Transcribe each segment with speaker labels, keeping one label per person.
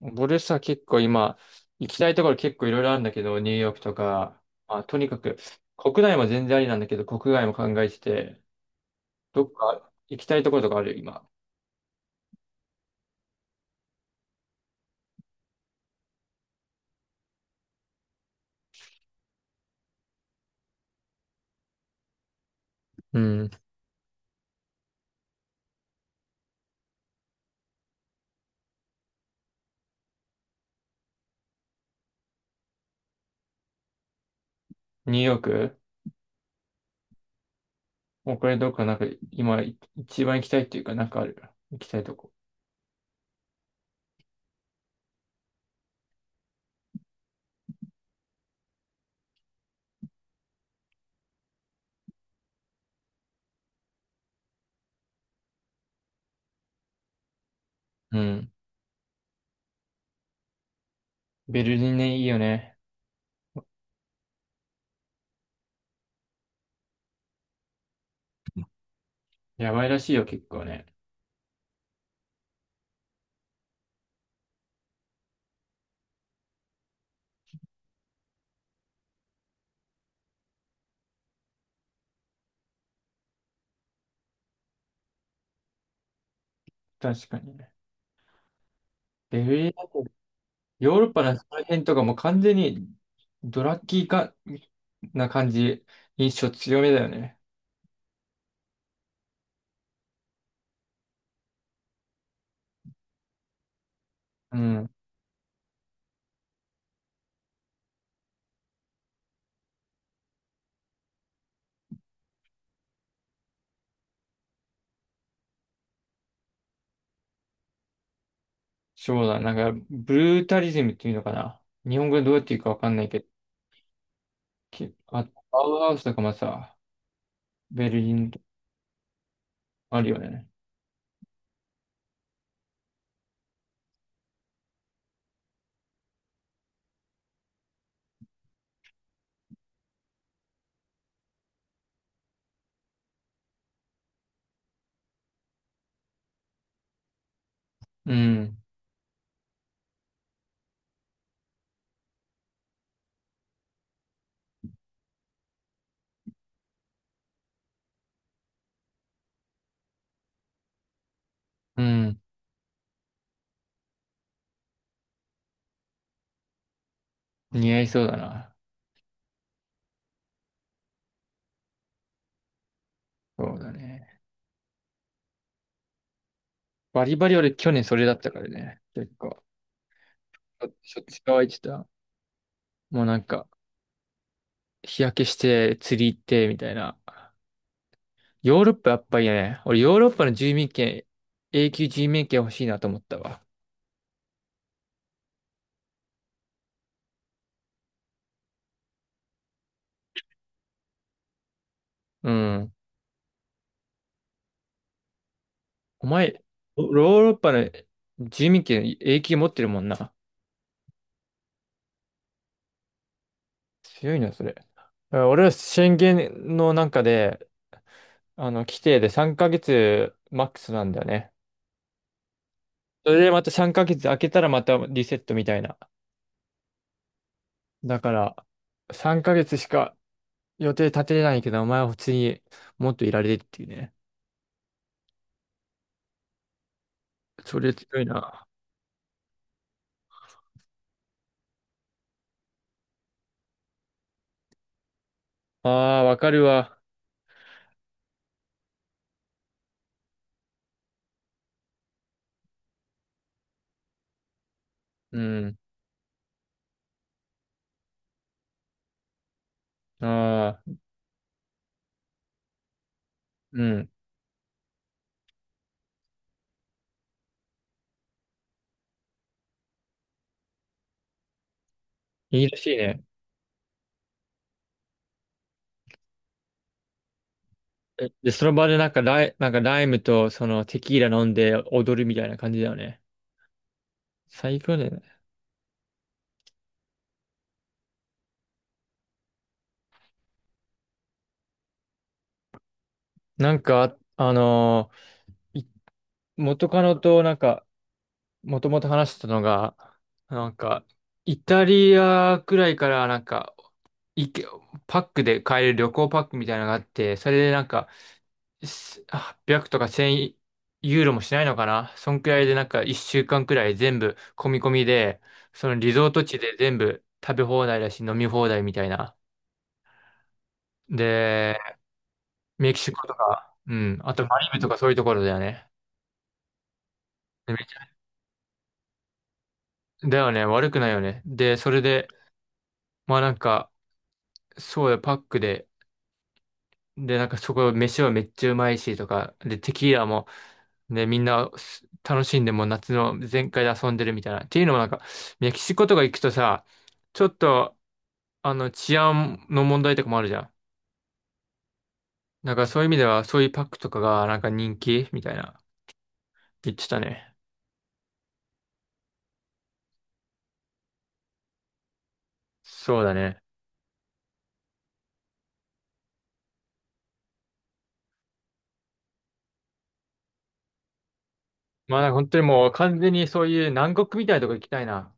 Speaker 1: 俺さ、結構今、行きたいところ結構いろいろあるんだけど、ニューヨークとか、まあ、とにかく、国内も全然ありなんだけど、国外も考えてて、どっか行きたいところとかある、今？うん。ニューヨークもうこれどっかなんか、今、一番行きたいっていうか、なんかある？行きたいとこ。うん。ベルリンね、いいよね。やばいらしいよ、結構ね。確かにね。ベルリンだと、ヨーロッパのその辺とかもう完全に、ドラッキーか、な感じ、印象強めだよね。うん。そうだ、なんか、ブルータリズムっていうのかな。日本語でどうやって言うかわかんないけど、きあ、アウハウスとかもさ、ベルリンとかあるよね。うん、うん、似合いそうだな。そうだね。バリバリ俺去年それだったからね。結構、しょっちゅう乾いてた。もうなんか、日焼けして釣り行ってみたいな。ヨーロッパやっぱりね、俺ヨーロッパの住民権、永久住民権欲しいなと思ったわ。うん。お前、ヨーロッパの住民権永久持ってるもんな。強いな、それ。俺は宣言のなんかで、あの、規定で3ヶ月マックスなんだよね。それでまた3ヶ月空けたらまたリセットみたいな。だから、3ヶ月しか予定立てれないけど、お前は普通にもっといられるっていうね。それ強いな。ああ、わかるわ。うん。ああ、うん。いいらしいね。で、その場でなんかライムとそのテキーラ飲んで踊るみたいな感じだよね。最高だよね。なんか、ー元カノとなんか、もともと話してたのが、なんか、イタリアくらいからなんか、いけ、パックで買える旅行パックみたいなのがあって、それでなんか、800とか1000ユーロもしないのかなそんくらいでなんか1週間くらい全部込み込みで、そのリゾート地で全部食べ放題だし飲み放題みたいな。で、メキシコとか、うん、あとマリブとかそういうところだよね。でめっちゃだよね、悪くないよね。で、それで、まあなんか、そうだよ、パックで。で、なんかそこ、飯はめっちゃうまいし、とか。で、テキーラも、ね、みんな楽しんでもう夏の全開で遊んでるみたいな。っていうのもなんか、メキシコとか行くとさ、ちょっと、あの、治安の問題とかもあるじゃん。なんかそういう意味では、そういうパックとかがなんか人気みたいな、言ってたね。そうだね。まあなんか本当にもう完全にそういう南国みたいなとこ行きたいな。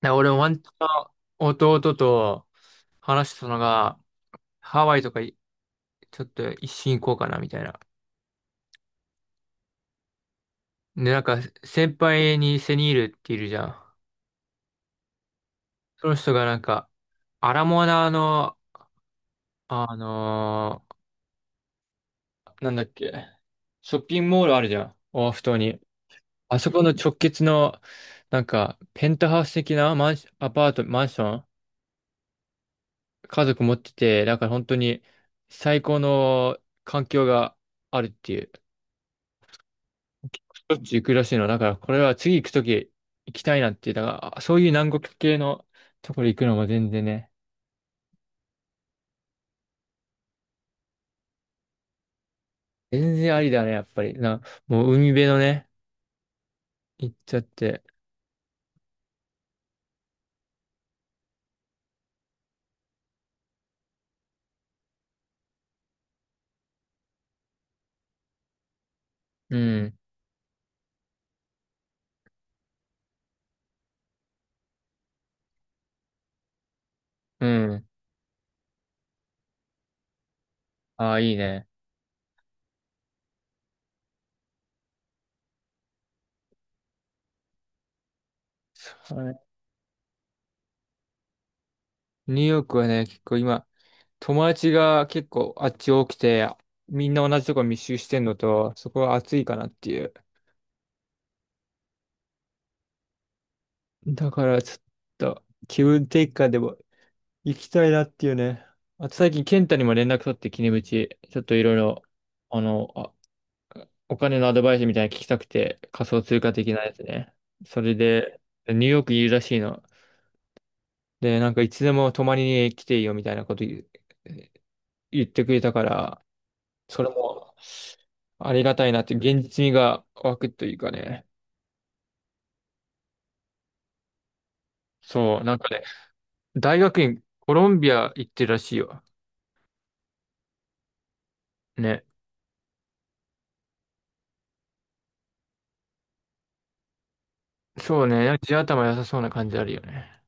Speaker 1: なんか俺もワンチャン弟と話したのが、ハワイとかちょっと一瞬行こうかな、みたいな。で、なんか、先輩にセニールっているじゃん。その人がなんか、アラモアナの、あのーなんだっけ、ショッピングモールあるじゃん。オアフ島に。あそこの直結の、なんか、ペンタハウス的なマンシ、アパート、マンション、家族持ってて、だから本当に最高の環境があるっていう。しょっちゅう行くらしいの。だから、これは次行くとき行きたいなって言ったから、そういう南国系のところ行くのも全然ね、全然ありだね、やっぱり。な、もう海辺のね、行っちゃって。うん、うん。ああ、いいね。はい。ニューヨークはね、結構今、友達が結構あっち多くて、みんな同じとこ密集してんのと、そこは暑いかなっていう。だから、ちょっと、気分転換でも行きたいなっていうね。あと最近、健太にも連絡取って、キネムチ。ちょっといろいろ、あの、あ、お金のアドバイスみたいなの聞きたくて、仮想通貨的なやつね。それで、ニューヨークいるらしいの。で、なんかいつでも泊まりに来ていいよみたいなこと言ってくれたから、それも、ありがたいなって、現実味が湧くというかね。そう、なんかね、大学院、コロンビア行ってるらしいよ。ね。そうね、地頭良さそうな感じあるよね。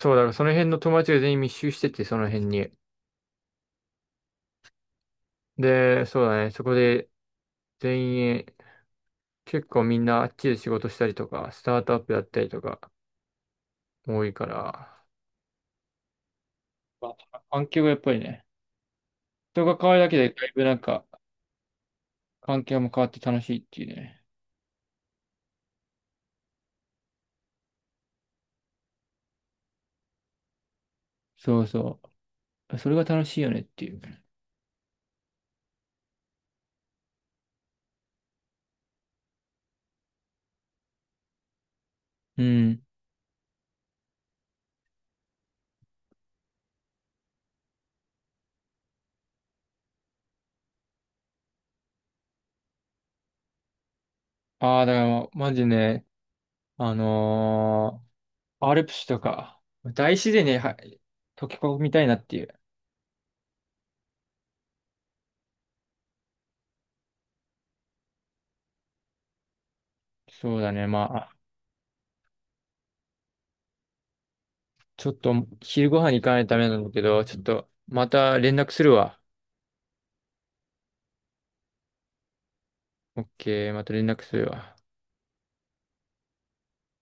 Speaker 1: そうだから、その辺の友達が全員密集してて、その辺に。で、そうだね、そこで全員、結構みんなあっちで仕事したりとか、スタートアップやったりとか、多いから。あ環境がやっぱりね、人が変わるだけで、だいぶなんか、環境も変わって楽しいっていうね。そうそう。それが楽しいよねっていう。うん。ああ、だからもう、マジね、あのーアルプスとか、大自然には溶け込みたいなっていう。そうだね。まあ、ちょっと昼ご飯に行かないとダメなんだけど、ちょっとまた連絡するわ。オッケー、また連絡するわ。